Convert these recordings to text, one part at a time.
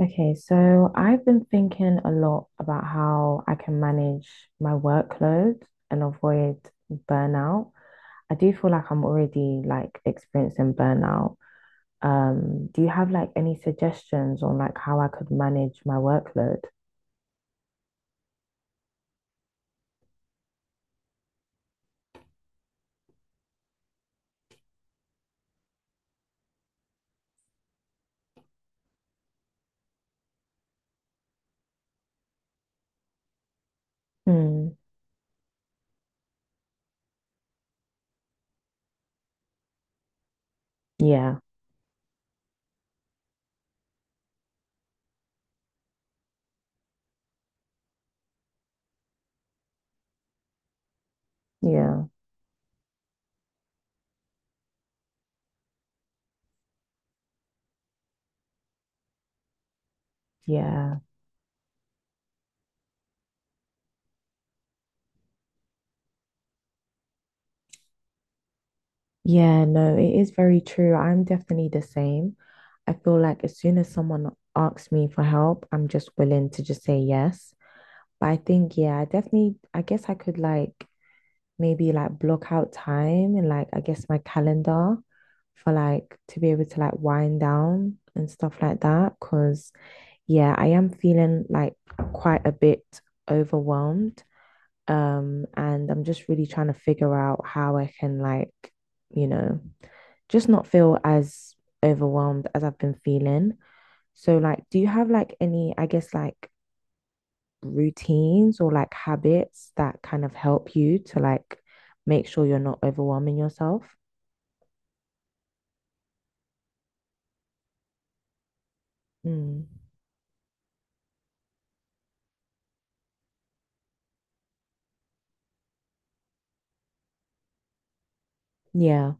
Okay, so I've been thinking a lot about how I can manage my workload and avoid burnout. I do feel like I'm already like experiencing burnout. Do you have like any suggestions on like how I could manage my workload? Hmm. Yeah, yeah, yeah. Yeah, no, it is very true. I'm definitely the same. I feel like as soon as someone asks me for help, I'm just willing to just say yes. But I think, yeah, I definitely, I guess I could like maybe like block out time and like, I guess my calendar for like to be able to like wind down and stuff like that. Cause yeah, I am feeling like quite a bit overwhelmed. And I'm just really trying to figure out how I can like, you know, just not feel as overwhelmed as I've been feeling. So like, do you have like any, I guess like routines or like habits that kind of help you to like make sure you're not overwhelming yourself. Mm. Yeah,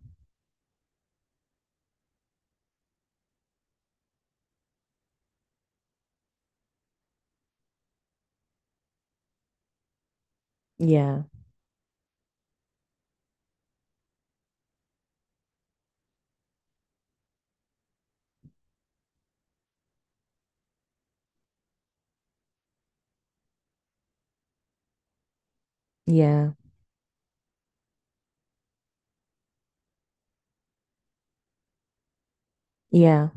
yeah, yeah, yeah,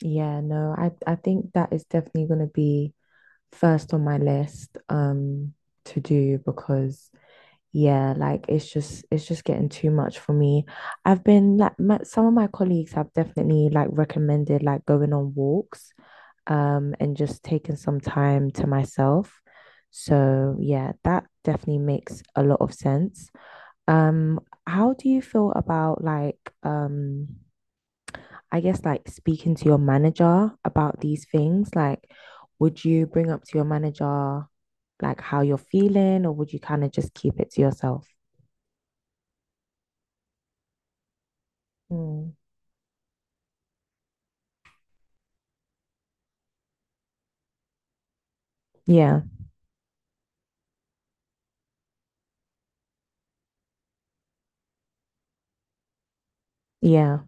yeah. No, I think that is definitely going to be first on my list to do because yeah, like it's just getting too much for me. I've been like my, some of my colleagues have definitely like recommended like going on walks, and just taking some time to myself. So, yeah, that definitely makes a lot of sense. Um, how do you feel about like, I guess like speaking to your manager about these things? Like, would you bring up to your manager like how you're feeling, or would you kind of just keep it to yourself? Mm. Yeah, yeah,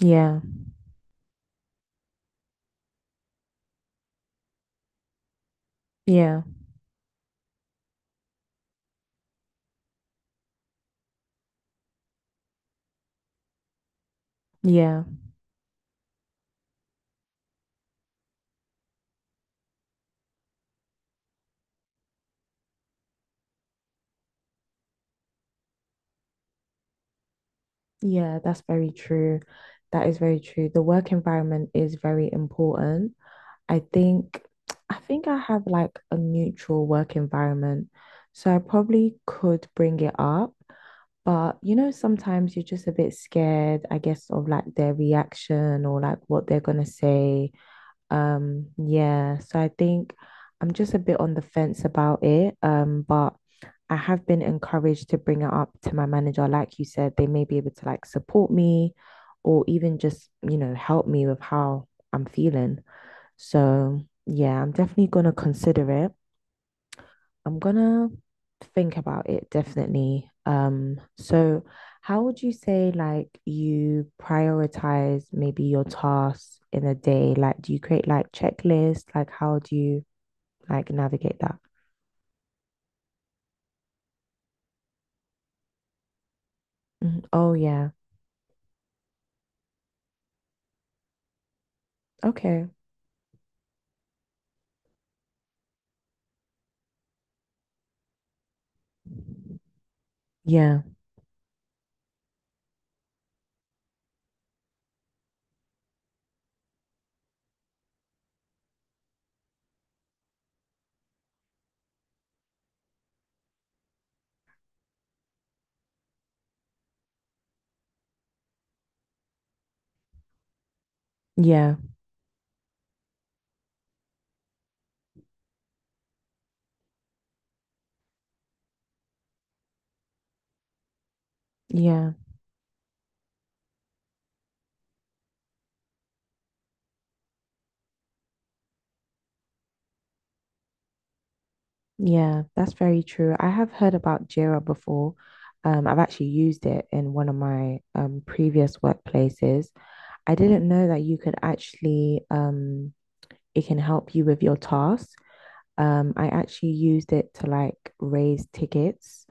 yeah, yeah, yeah. Yeah, that's very true. That is very true. The work environment is very important. I think I think I have like a neutral work environment. So I probably could bring it up, but you know, sometimes you're just a bit scared, I guess, of like their reaction or like what they're gonna say. Yeah, so I think I'm just a bit on the fence about it. But I have been encouraged to bring it up to my manager. Like you said, they may be able to like support me or even just, you know, help me with how I'm feeling. So yeah, I'm definitely gonna consider it. I'm gonna think about it definitely. So how would you say like you prioritize maybe your tasks in a day? Like, do you create like checklists? Like, how do you like navigate that? Mhm. Oh yeah. Okay. Yeah. Yeah. Yeah. Yeah. That's very true. I have heard about Jira before. I've actually used it in one of my previous workplaces. I didn't know that you could actually it can help you with your tasks. I actually used it to like raise tickets.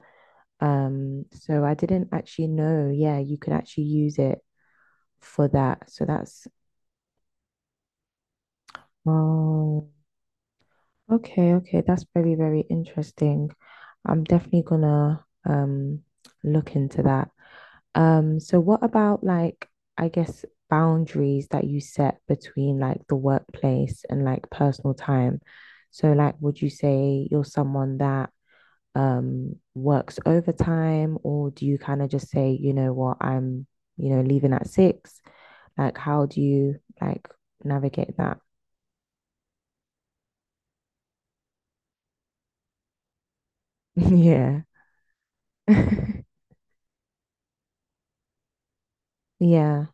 So I didn't actually know, yeah, you could actually use it for that. So that's, oh, okay, okay. That's very, very interesting. I'm definitely gonna look into that. So what about like, I guess boundaries that you set between like the workplace and like personal time? So like, would you say you're someone that works overtime or do you kind of just say, you know what, I'm, you know, leaving at six? Like how do you like navigate that? Yeah. Yeah.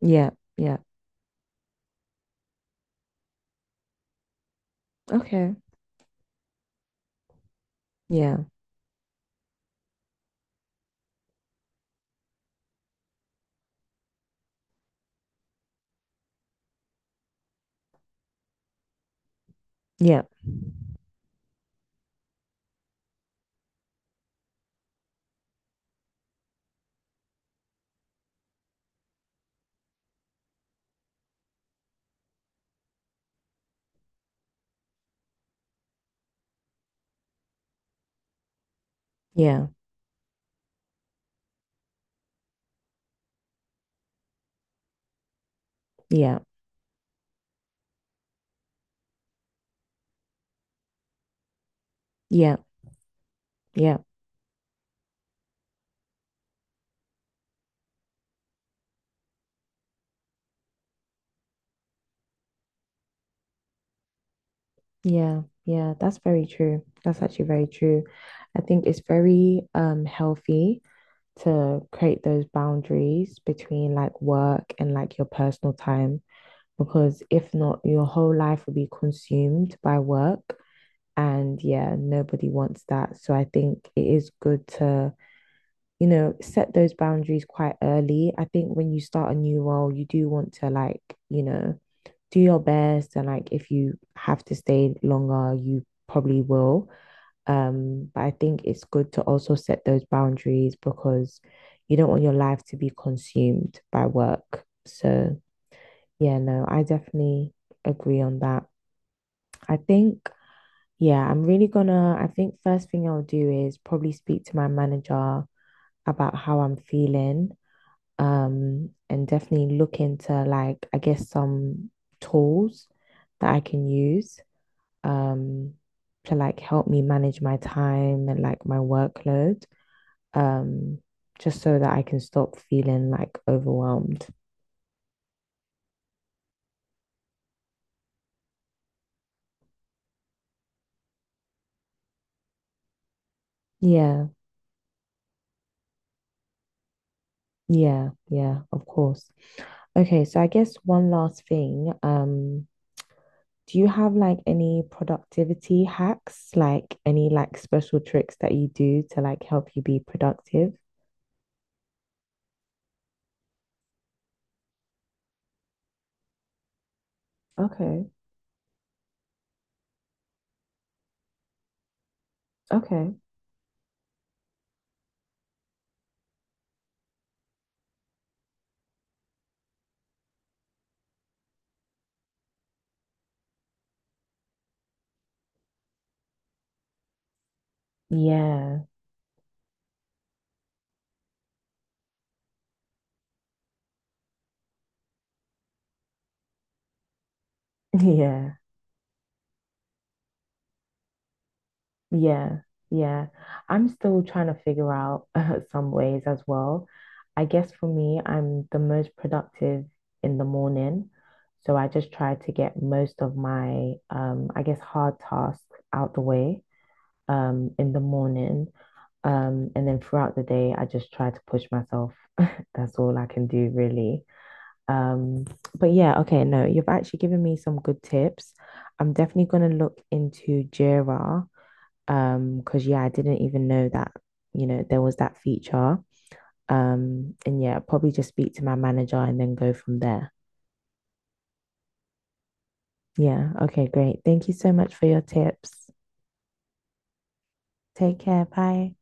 Yeah. Yeah. Okay. Yeah. Yeah. Yeah. Yeah. Yeah. Yeah. Yeah. Yeah. That's very true. That's actually very true. I think it's very healthy to create those boundaries between like work and like your personal time because if not, your whole life will be consumed by work. And yeah, nobody wants that. So I think it is good to, you know, set those boundaries quite early. I think when you start a new role, you do want to, like, you know, do your best. And like, if you have to stay longer, you probably will. But I think it's good to also set those boundaries because you don't want your life to be consumed by work. So, yeah, no, I definitely agree on that. I think, yeah, I'm really gonna, I think first thing I'll do is probably speak to my manager about how I'm feeling. And definitely look into like, I guess some tools that I can use, um, to like help me manage my time and like my workload. Um, just so that I can stop feeling like overwhelmed. Yeah, yeah, yeah, of course. Okay, so I guess one last thing, do you have like any productivity hacks, like any like special tricks that you do to like help you be productive? Okay. Okay. Yeah, yeah, yeah, yeah. I'm still trying to figure out some ways as well. I guess for me, I'm the most productive in the morning. So I just try to get most of my, I guess, hard tasks out the way. In the morning. And then throughout the day, I just try to push myself. That's all I can do, really. Um, but yeah, okay, no, you've actually given me some good tips. I'm definitely going to look into Jira, because yeah, I didn't even know that, you know, there was that feature. And yeah, probably just speak to my manager and then go from there. Yeah, okay, great. Thank you so much for your tips. Take care. Bye.